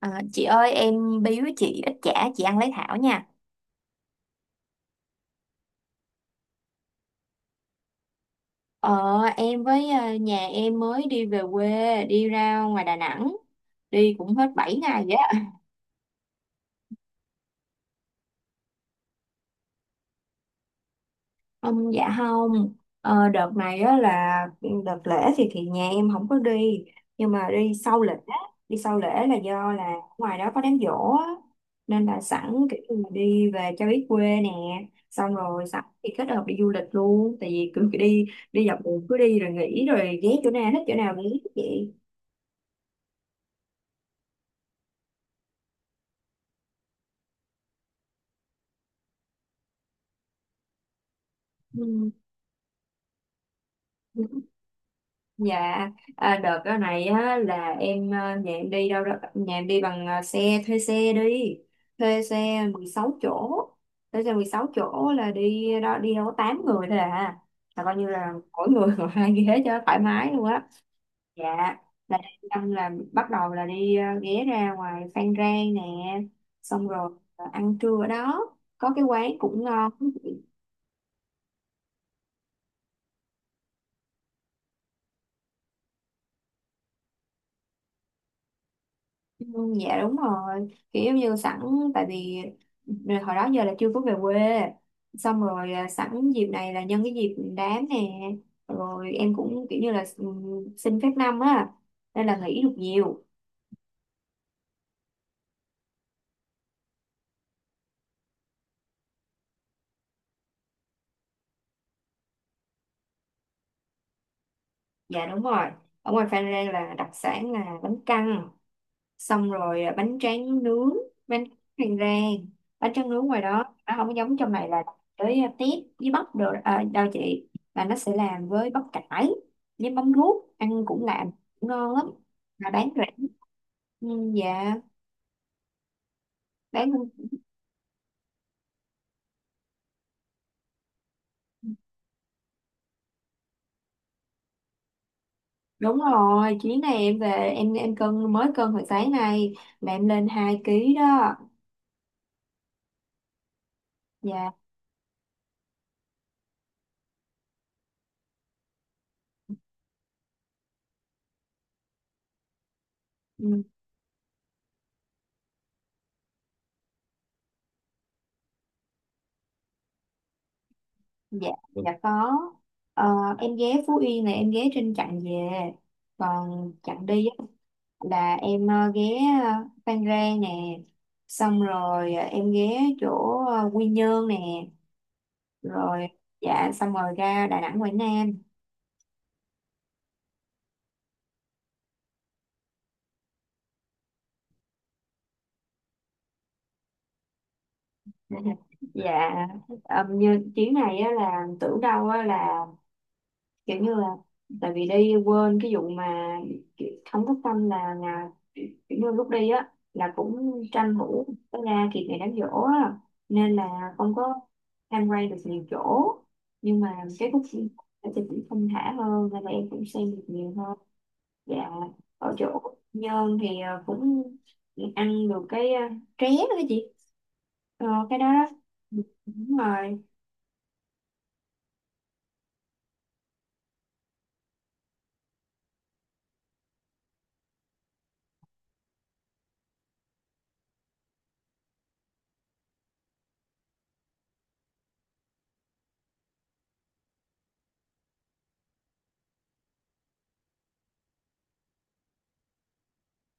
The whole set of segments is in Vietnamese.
À, chị ơi em biếu chị ít chả chị ăn lấy thảo nha. ờ em với nhà em mới đi về quê, đi ra ngoài Đà Nẵng, đi cũng hết 7 ngày vậy á. Không, dạ không. Đợt này á là đợt lễ thì nhà em không có đi, nhưng mà đi sau lễ. Đi sau lễ là do là ngoài đó có đám giỗ á, nên là sẵn kiểu như là đi về cho biết quê nè, xong rồi sẵn thì kết hợp đi du lịch luôn. Tại vì cứ đi, đi dọc đường cứ đi rồi nghỉ, rồi ghé chỗ nào thích chỗ nào nghỉ vậy. Ừ. Dạ, à, đợt cái này á, là em nhà em đi đâu đó, nhà em đi bằng xe, thuê xe đi, thuê xe 16 chỗ. Thuê xe 16 chỗ là đi đó đi đâu có 8 người thôi à, là coi như là mỗi người ngồi hai ghế cho thoải mái luôn á. Dạ, là đi ăn là bắt đầu là đi ghé ra ngoài Phan Rang nè, xong rồi ăn trưa ở đó, có cái quán cũng ngon. Ừ, dạ đúng rồi, kiểu giống như sẵn, tại vì hồi đó giờ là chưa có về quê, xong rồi sẵn dịp này là nhân cái dịp đám nè, rồi em cũng kiểu như là xin phép năm á, nên là nghỉ được nhiều. Dạ đúng rồi, ở ngoài Phan Rang là đặc sản là bánh căn, xong rồi bánh tráng nướng, bánh tráng rang bánh tráng nướng ngoài đó nó không có giống trong này, là tới tép với bắp đồ đâu chị, là nó sẽ làm với bắp cải với mắm ruốc, ăn cũng làm cũng ngon lắm mà bán rẻ. Ừ, dạ bán đúng rồi. Chuyến này em về, em cân, mới cân hồi sáng nay, là em lên 2 ký đó. Dạ. Ừ, dạ. Dạ có. Ờ, em ghé Phú Yên này, em ghé trên chặng về, còn chặng đi là em ghé ờ, Phan Rang nè, xong rồi em ghé chỗ Quy Nhơn nè, rồi dạ xong rồi ra Đà Nẵng, Quảng Nam. Dạ, như chuyến này á, là tưởng đâu á, là kiểu như là tại vì đi quên cái vụ mà kiểu không có tâm là kiểu như lúc đi á là cũng tranh thủ có ra kịp ngày đám giỗ á, nên là không có tham quan được nhiều chỗ, nhưng mà cái khúc phim thì cũng thông thả hơn nên là em cũng xem được nhiều hơn. Dạ, ở chỗ Nhơn thì cũng ăn được cái tré đó chị, cái đó đó. Ừ, đúng rồi.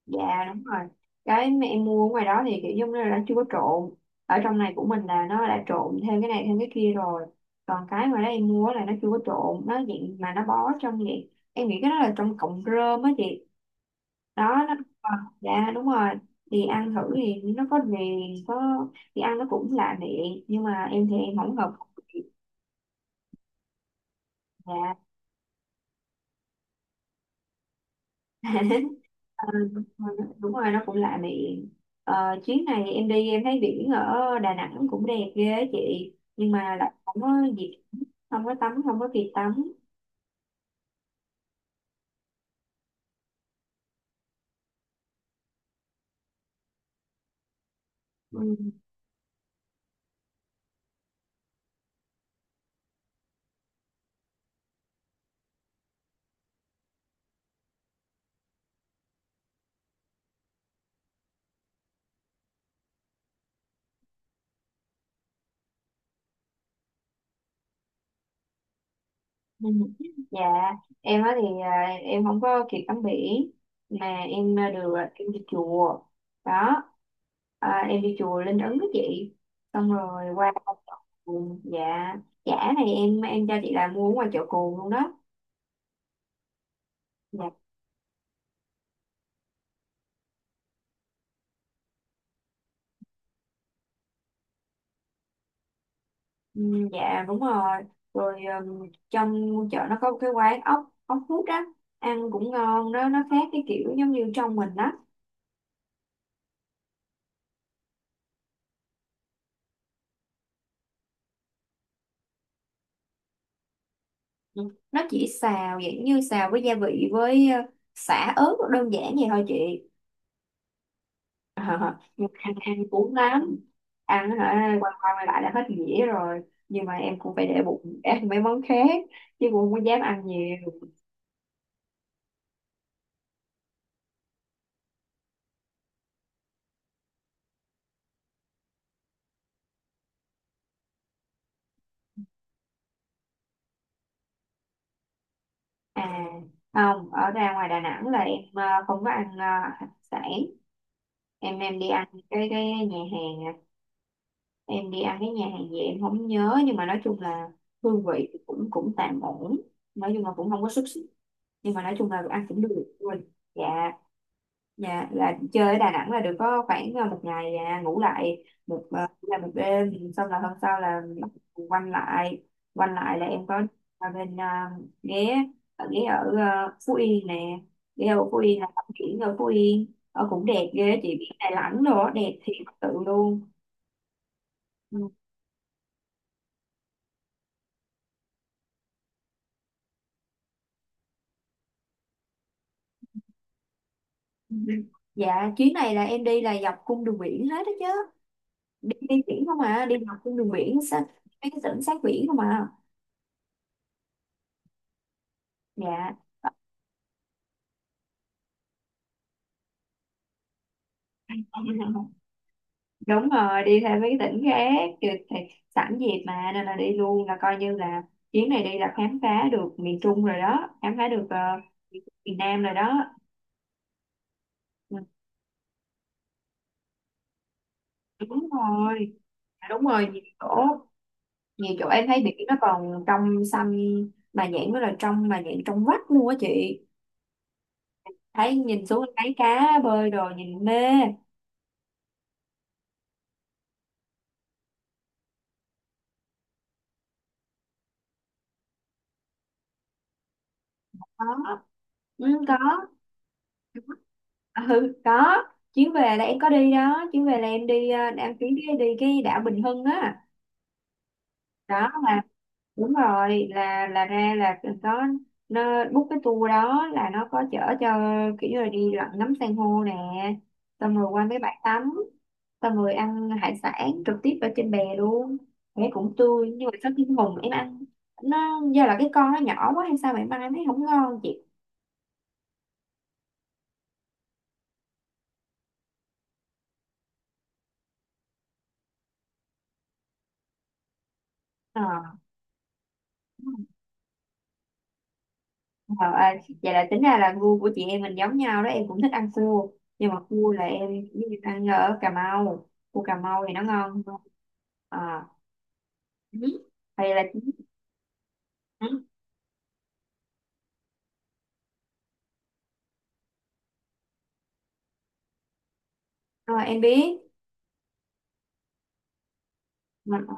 Dạ đúng rồi. Cái mà em mua ở ngoài đó thì kiểu giống như là nó chưa có trộn. Ở trong này của mình là nó đã trộn thêm cái này thêm cái kia rồi. Còn cái ngoài đó em mua là nó chưa có trộn, nó dạng mà nó bó trong vậy. Em nghĩ cái đó là trong cọng rơm á chị. Đó nó. Ờ, dạ đúng rồi. Thì ăn thử thì nó có viền có, thì ăn nó cũng lạ miệng, nhưng mà em thì em không hợp khẩu vị. Dạ. Ờ, đúng rồi nó cũng lạ miệng. Ờ, chuyến này em đi em thấy biển ở Đà Nẵng cũng đẹp ghê á chị, nhưng mà lại không có dịp, không có tắm, không có kịp tắm. Ừ. Ừ. Dạ, em á thì em không có kịp tắm biển, mà em được em đi chùa đó, à, em đi chùa Linh Ứng đó chị, xong rồi qua chợ Cồn. Dạ, chả này em cho chị là mua ở ngoài chợ Cồn luôn đó. Dạ. Ừ, dạ đúng rồi. Rồi trong chợ nó có một cái quán ốc, ốc hút á, ăn cũng ngon đó, nó khác cái kiểu giống như trong mình á. Ừ. Nó chỉ xào dạng như xào với gia vị với sả ớt đơn giản vậy thôi chị. Ờ, nhưng mà ăn ăn cũng lắm, ăn hả, quay qua quay lại đã hết dĩa rồi, nhưng mà em cũng phải để bụng ăn mấy món khác, chứ cũng không có dám ăn nhiều. À không, ở ra ngoài Đà Nẵng là em không có ăn hải sản. Em đi ăn cái nhà hàng à. Em đi ăn cái nhà hàng gì em không nhớ, nhưng mà nói chung là hương vị thì cũng cũng tạm ổn, nói chung là cũng không có xuất sắc, nhưng mà nói chung là ăn cũng được luôn. Dạ. Dạ, là chơi ở Đà Nẵng là được có khoảng một ngày ngủ lại một, là một đêm, xong là hôm sau là bắt đầu quanh lại. Quanh lại là em có ở bên ghé ở, ghé ở Phú Yên nè. Ghé ở Phú Yên là tắm biển ở Phú Yên ở cũng đẹp ghê chị, biển Đà Nẵng rồi đẹp thiệt sự luôn. Ừ. Dạ, chuyến này là em đi là dọc cung đường biển hết đó chứ, đi, đi biển không à, đi dọc cung đường biển sát mấy cái tỉnh sát biển không à. Dạ. Đúng rồi, đi theo mấy cái tỉnh khác. Rồi thì sẵn dịp mà nên là đi luôn, là coi như là chuyến này đi là khám phá được miền Trung rồi đó, khám phá được miền Nam rồi đó. Ừ, đúng rồi. À, đúng rồi nhiều chỗ, nhiều chỗ em thấy biển nó còn trong xanh, mà nhãn nó là trong, mà nhãn trong vắt luôn á chị, thấy nhìn xuống thấy cá bơi rồi nhìn mê. Có. Ừ, có. Ừ có. Chuyến về là em có đi đó, chuyến về là em đi, ờ, em chuyến đi, đi cái đảo Bình Hưng á, đó mà đúng rồi là ra là có, nó book cái tour đó là nó có chở cho kiểu như là đi lặn ngắm san hô nè, xong rồi qua mấy bãi tắm, xong rồi ăn hải sản trực tiếp ở trên bè luôn. Bé cũng tươi, nhưng mà sau khi mùng em ăn, nó do là cái con nó nhỏ quá hay sao mà em ăn em thấy không ngon chị. Ờ. Ờ, à, vậy là tính ra là gu của chị em mình giống nhau đó, em cũng thích ăn cua, nhưng mà cua là em giống như ăn ở Cà Mau, cua Cà Mau thì nó ngon hơn. À, vậy là. Ừ. Ờ, em biết. Mà- ờ,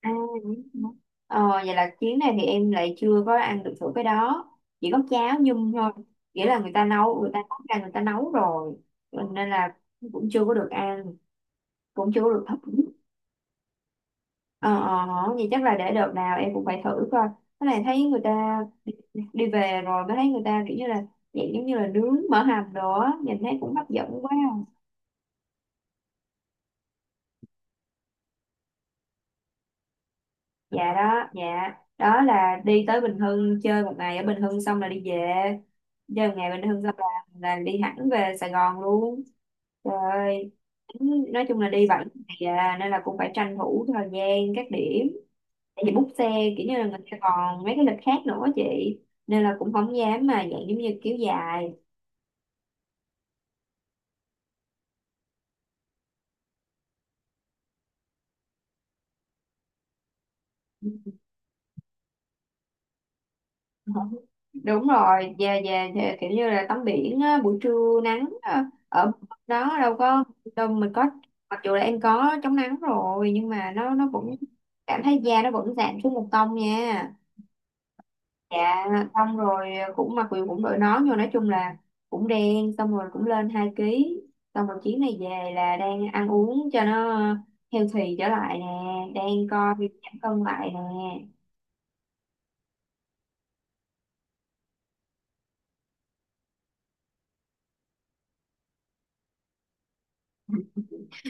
à, đúng rồi. Ờ, vậy là chuyến này thì em lại chưa có ăn được thử cái đó, chỉ có cháo nhum thôi, nghĩa là người ta nấu, người ta nấu ra, người ta nấu rồi nên là cũng chưa có được ăn, cũng chưa có được thử. Ờ, ờ, vậy chắc là để đợt nào em cũng phải thử coi. Cái này thấy người ta đi, đi về rồi mới thấy người ta kiểu như là dạng giống như là nướng mỡ hầm đồ á, nhìn thấy cũng hấp dẫn quá. Dạ. Đó là đi tới Bình Hưng, chơi một ngày ở Bình Hưng xong là đi về. Chơi một ngày Bình Hưng xong là đi hẳn về Sài Gòn luôn. Trời ơi. Nói chung là đi vậy. Dạ, nên là cũng phải tranh thủ thời gian các điểm, tại vì bút xe kiểu như là người ta còn mấy cái lịch khác nữa chị, nên là cũng không dám mà dạng giống như kiểu dài. Không, đúng rồi, về về thì kiểu như là tắm biển á, buổi trưa nắng á, ở đó đâu có đâu, mình có mặc dù là em có chống nắng rồi nhưng mà nó vẫn cảm thấy da nó vẫn giảm xuống một tông nha. Dạ, xong rồi cũng mặc quyền cũng đội nón vô, nói chung là cũng đen, xong rồi cũng lên 2 ký, xong rồi chuyến này về là đang ăn uống cho nó healthy trở lại nè, đang coi việc giảm cân lại nè.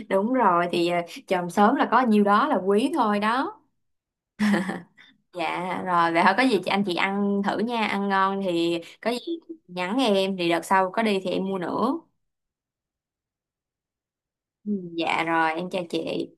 Đúng rồi thì à, chồng sớm là có nhiêu đó là quý thôi đó. Dạ rồi vậy thôi, có gì chị, anh chị ăn thử nha, ăn ngon thì có gì nhắn em, thì đợt sau có đi thì em mua nữa. Ừ, dạ rồi em chào chị.